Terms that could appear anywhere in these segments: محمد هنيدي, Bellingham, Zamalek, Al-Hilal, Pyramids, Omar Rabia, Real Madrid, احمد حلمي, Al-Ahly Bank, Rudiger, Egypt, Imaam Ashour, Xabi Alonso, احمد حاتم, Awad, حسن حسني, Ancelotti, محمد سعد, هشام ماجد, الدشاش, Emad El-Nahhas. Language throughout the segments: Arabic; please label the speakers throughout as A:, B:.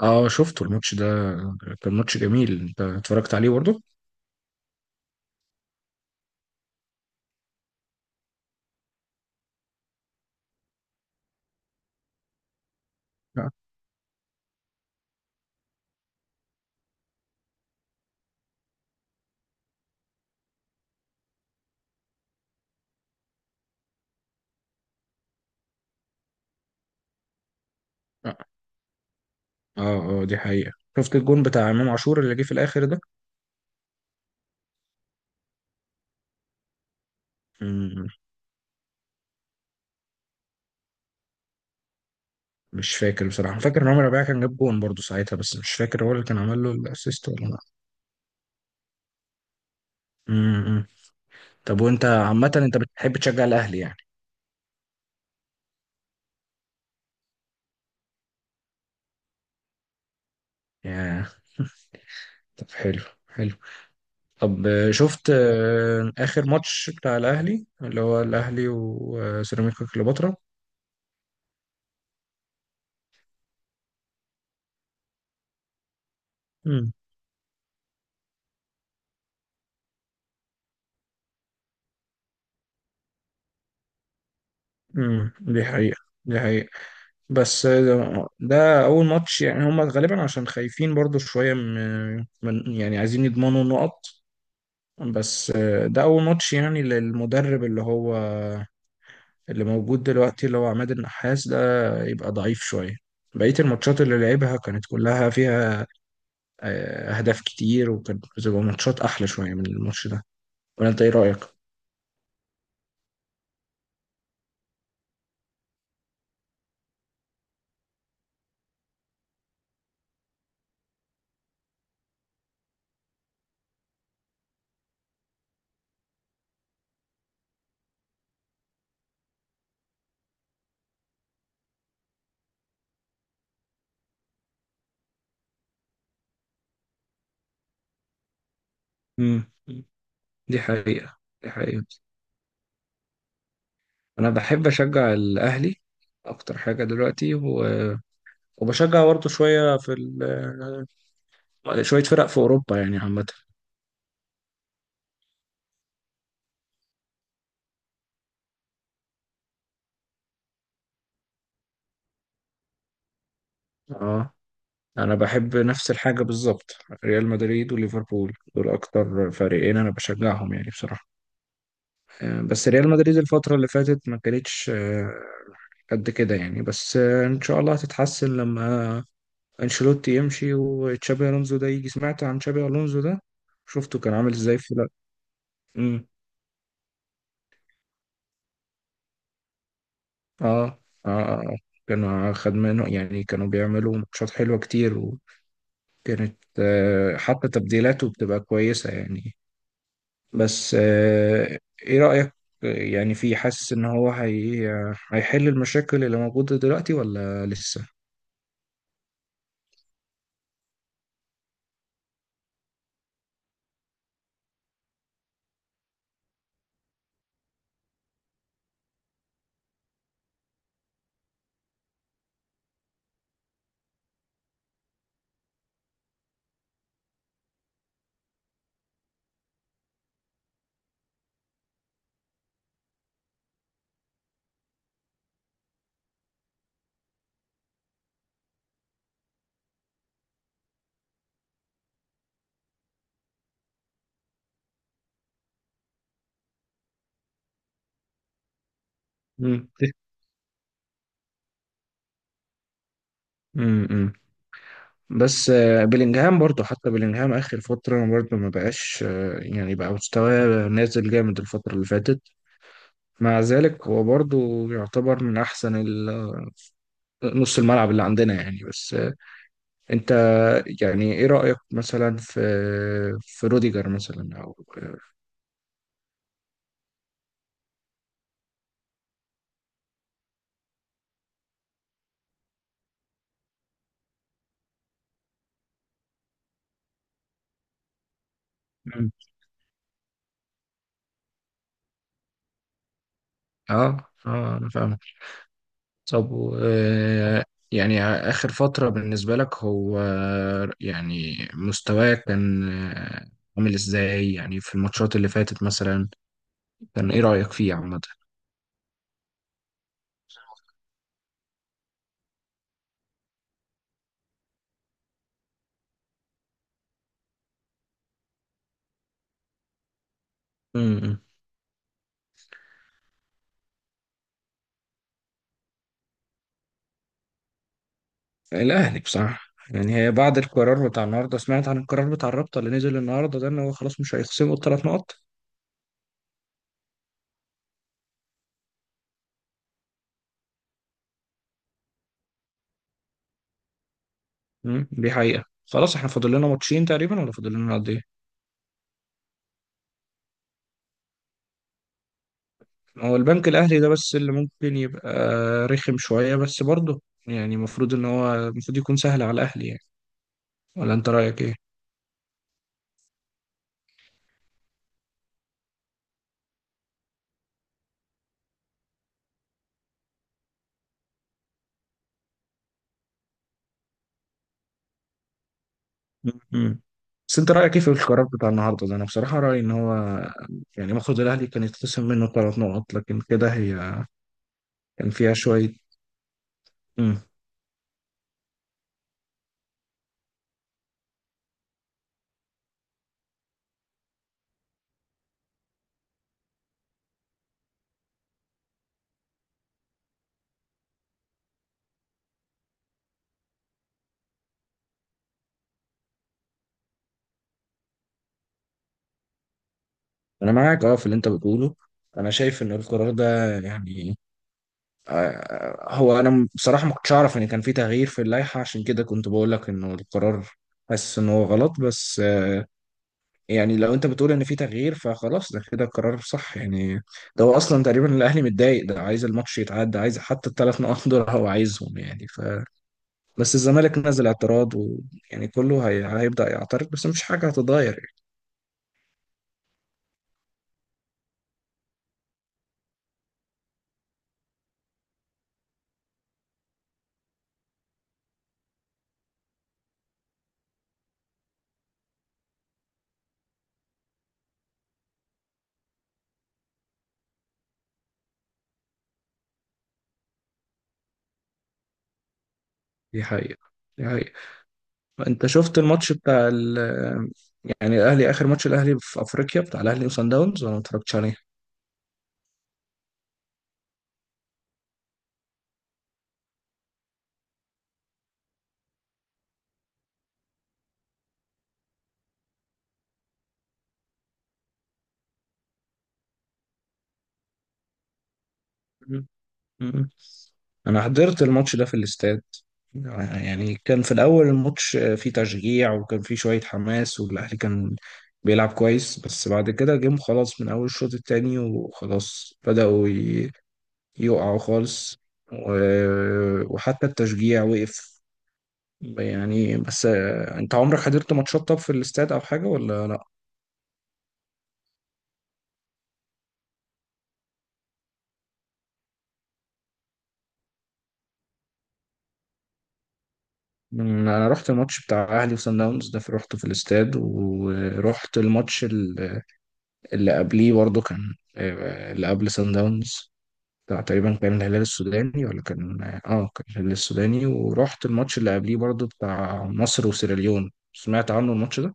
A: اه، شفته الماتش ده. كان ماتش جميل، انت اتفرجت عليه برضه؟ لا. اه، اه دي حقيقة. شفت الجون بتاع امام عاشور اللي جه في الاخر ده؟ مم، مش فاكر بصراحة، فاكر ان عمر ربيعة كان جاب جون برضه ساعتها، بس مش فاكر هو اللي كان عمل له الاسيست ولا لا. مم، مم. طب وانت عامة انت بتحب تشجع الاهلي يعني؟ يا، طب حلو حلو. طب، شفت اخر ماتش بتاع الاهلي اللي هو الاهلي وسيراميكا كليوباترا. مم، مم، دي حقيقة. دي حقيقة. بس ده اول ماتش، يعني هم غالبا عشان خايفين برضو شويه من يعني عايزين يضمنوا نقط. بس ده اول ماتش يعني للمدرب اللي هو اللي موجود دلوقتي، اللي هو عماد النحاس ده، يبقى ضعيف شويه. بقيه الماتشات اللي لعبها كانت كلها فيها اهداف كتير، وكانت بتبقى ماتشات احلى شويه من الماتش ده، ولا انت ايه رايك؟ امم دي حقيقه. دي حقيقه. انا بحب اشجع الاهلي اكتر حاجه دلوقتي، وبشجع برضه شوية في شوية فرق في أوروبا يعني عامة. اه، أنا بحب نفس الحاجة بالظبط. ريال مدريد وليفربول دول أكتر فريقين أنا بشجعهم يعني بصراحة. بس ريال مدريد الفترة اللي فاتت ما كانتش قد كده يعني. بس إن شاء الله هتتحسن لما أنشيلوتي يمشي وتشابي ألونزو ده يجي. سمعت عن تشابي ألونزو ده؟ شفته كان عامل إزاي في لا؟ مم. آه، آه، آه. آه. كانوا خد منه يعني، كانوا بيعملوا ماتشات حلوة كتير. كانت حتى تبديلاته بتبقى كويسة يعني. بس ايه رأيك؟ يعني في، حاسس ان هو هيحل المشاكل اللي موجودة دلوقتي ولا لسه؟ مم. مم. مم. بس بلينجهام برضه، حتى بلينجهام آخر فترة برضه ما بقاش يعني بقى مستواه نازل جامد الفترة اللي فاتت. مع ذلك هو برضه يعتبر من أحسن نص الملعب اللي عندنا يعني. بس انت، يعني ايه رأيك مثلا في روديجر مثلا او. مم. اه، اه انا فاهم. طب، يعني اخر فترة بالنسبة لك هو، يعني مستواه كان عامل ازاي يعني في الماتشات اللي فاتت مثلا؟ كان ايه رأيك فيه عامة؟ مم. الاهلي بصراحة، يعني هي بعد القرار بتاع النهارده، سمعت عن القرار بتاع الرابطة اللي نزل النهارده ده، ان هو خلاص مش هيخصموا 3 نقط. مم، دي حقيقة. خلاص، احنا فاضل لنا ماتشين تقريبا ولا فاضل لنا قد ايه؟ هو البنك الأهلي ده بس اللي ممكن يبقى رخم شوية، بس برضه يعني المفروض ان هو المفروض يكون سهل على الأهلي يعني، ولا انت رأيك ايه؟ مم. بس انت رأيك ايه في القرار بتاع النهارده ده؟ انا بصراحة رأيي ان هو، يعني المفروض الأهلي كان يتخصم منه 3 نقط، لكن كده كان فيها شوية. مم. انا معاك اه في اللي انت بتقوله. انا شايف ان القرار ده يعني هو انا بصراحه ما كنتش اعرف ان كان في تغيير في اللائحه، عشان كده كنت بقول لك انه القرار حاسس ان هو غلط. بس يعني لو انت بتقول ان في تغيير فخلاص، ده كده قرار صح يعني. ده هو اصلا تقريبا الاهلي متضايق ده، عايز الماتش يتعدى، عايز حتى 3 نقط دول هو عايزهم يعني ف، بس الزمالك نزل اعتراض، ويعني كله هيبدا يعترض، بس مفيش حاجه هتتغير يعني. دي حقيقه. دي حقيقه. انت شفت الماتش بتاع يعني الاهلي، اخر ماتش الاهلي في افريقيا بتاع الاهلي وصن داونز، ولا ما اتفرجتش عليه؟ مم. انا حضرت الماتش ده في الاستاد. يعني كان في الاول الماتش فيه تشجيع، وكان فيه شوية حماس، والاهلي كان بيلعب كويس. بس بعد كده جم خلاص من اول الشوط التاني، وخلاص بدأوا يقعوا خالص. وحتى التشجيع وقف يعني. بس انت عمرك حضرت ماتشات طب في الاستاد او حاجة ولا لا؟ انا رحت الماتش بتاع اهلي وصن داونز ده، رحته في الاستاد، ورحت الماتش اللي قبليه برضه كان اللي قبل سان داونز، بتاع تقريبا كان الهلال السوداني، ولا كان اه آه، كان الهلال السوداني، ورحت الماتش اللي قبليه برضه بتاع مصر وسيراليون. سمعت عنه الماتش ده؟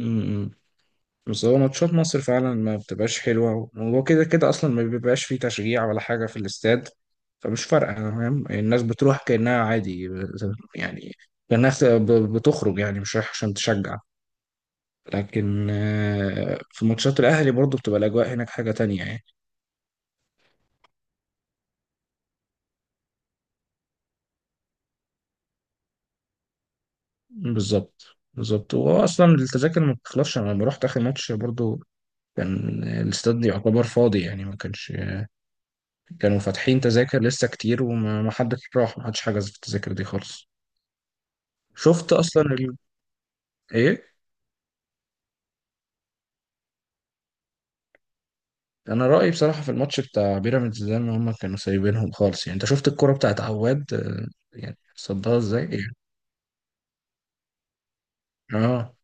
A: امم بس هو ماتشات مصر فعلا ما بتبقاش حلوة، وهو كده كده أصلا ما بيبقاش فيه تشجيع ولا حاجة في الاستاد، فمش فارقة فاهم، الناس بتروح كأنها عادي يعني. الناس بتخرج يعني مش رايح عشان تشجع. لكن في ماتشات الأهلي برضو بتبقى الأجواء هناك حاجة تانية يعني. بالظبط. بالظبط، هو اصلا التذاكر ما بتخلصش. انا لما رحت اخر ماتش برضو، كان الاستاد يعتبر فاضي يعني. ما كانش، كانوا فاتحين تذاكر لسه كتير، وما ما حدش راح، ما حدش حجز في التذاكر دي خالص. شفت اصلا ايه؟ انا رايي بصراحه في الماتش بتاع بيراميدز ده، ان هم كانوا سايبينهم خالص يعني. انت شفت الكرة بتاعت عواد يعني صدها ازاي يعني. اه.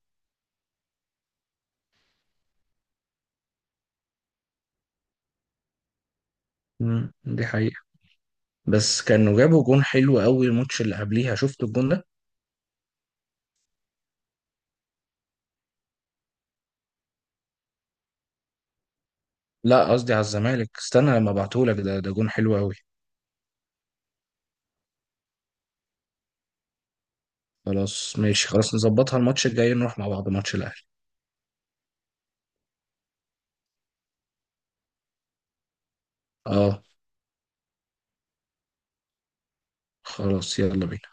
A: مم، دي حقيقة. بس كانوا جابوا جون حلو قوي الماتش اللي قبليها، شفت الجون ده؟ لا، قصدي على الزمالك. استنى لما ابعتهولك. ده جون حلو قوي. خلاص ماشي، خلاص نظبطها الماتش الجاي نروح مع بعض ماتش الاهلي. اه. خلاص، يلا بينا.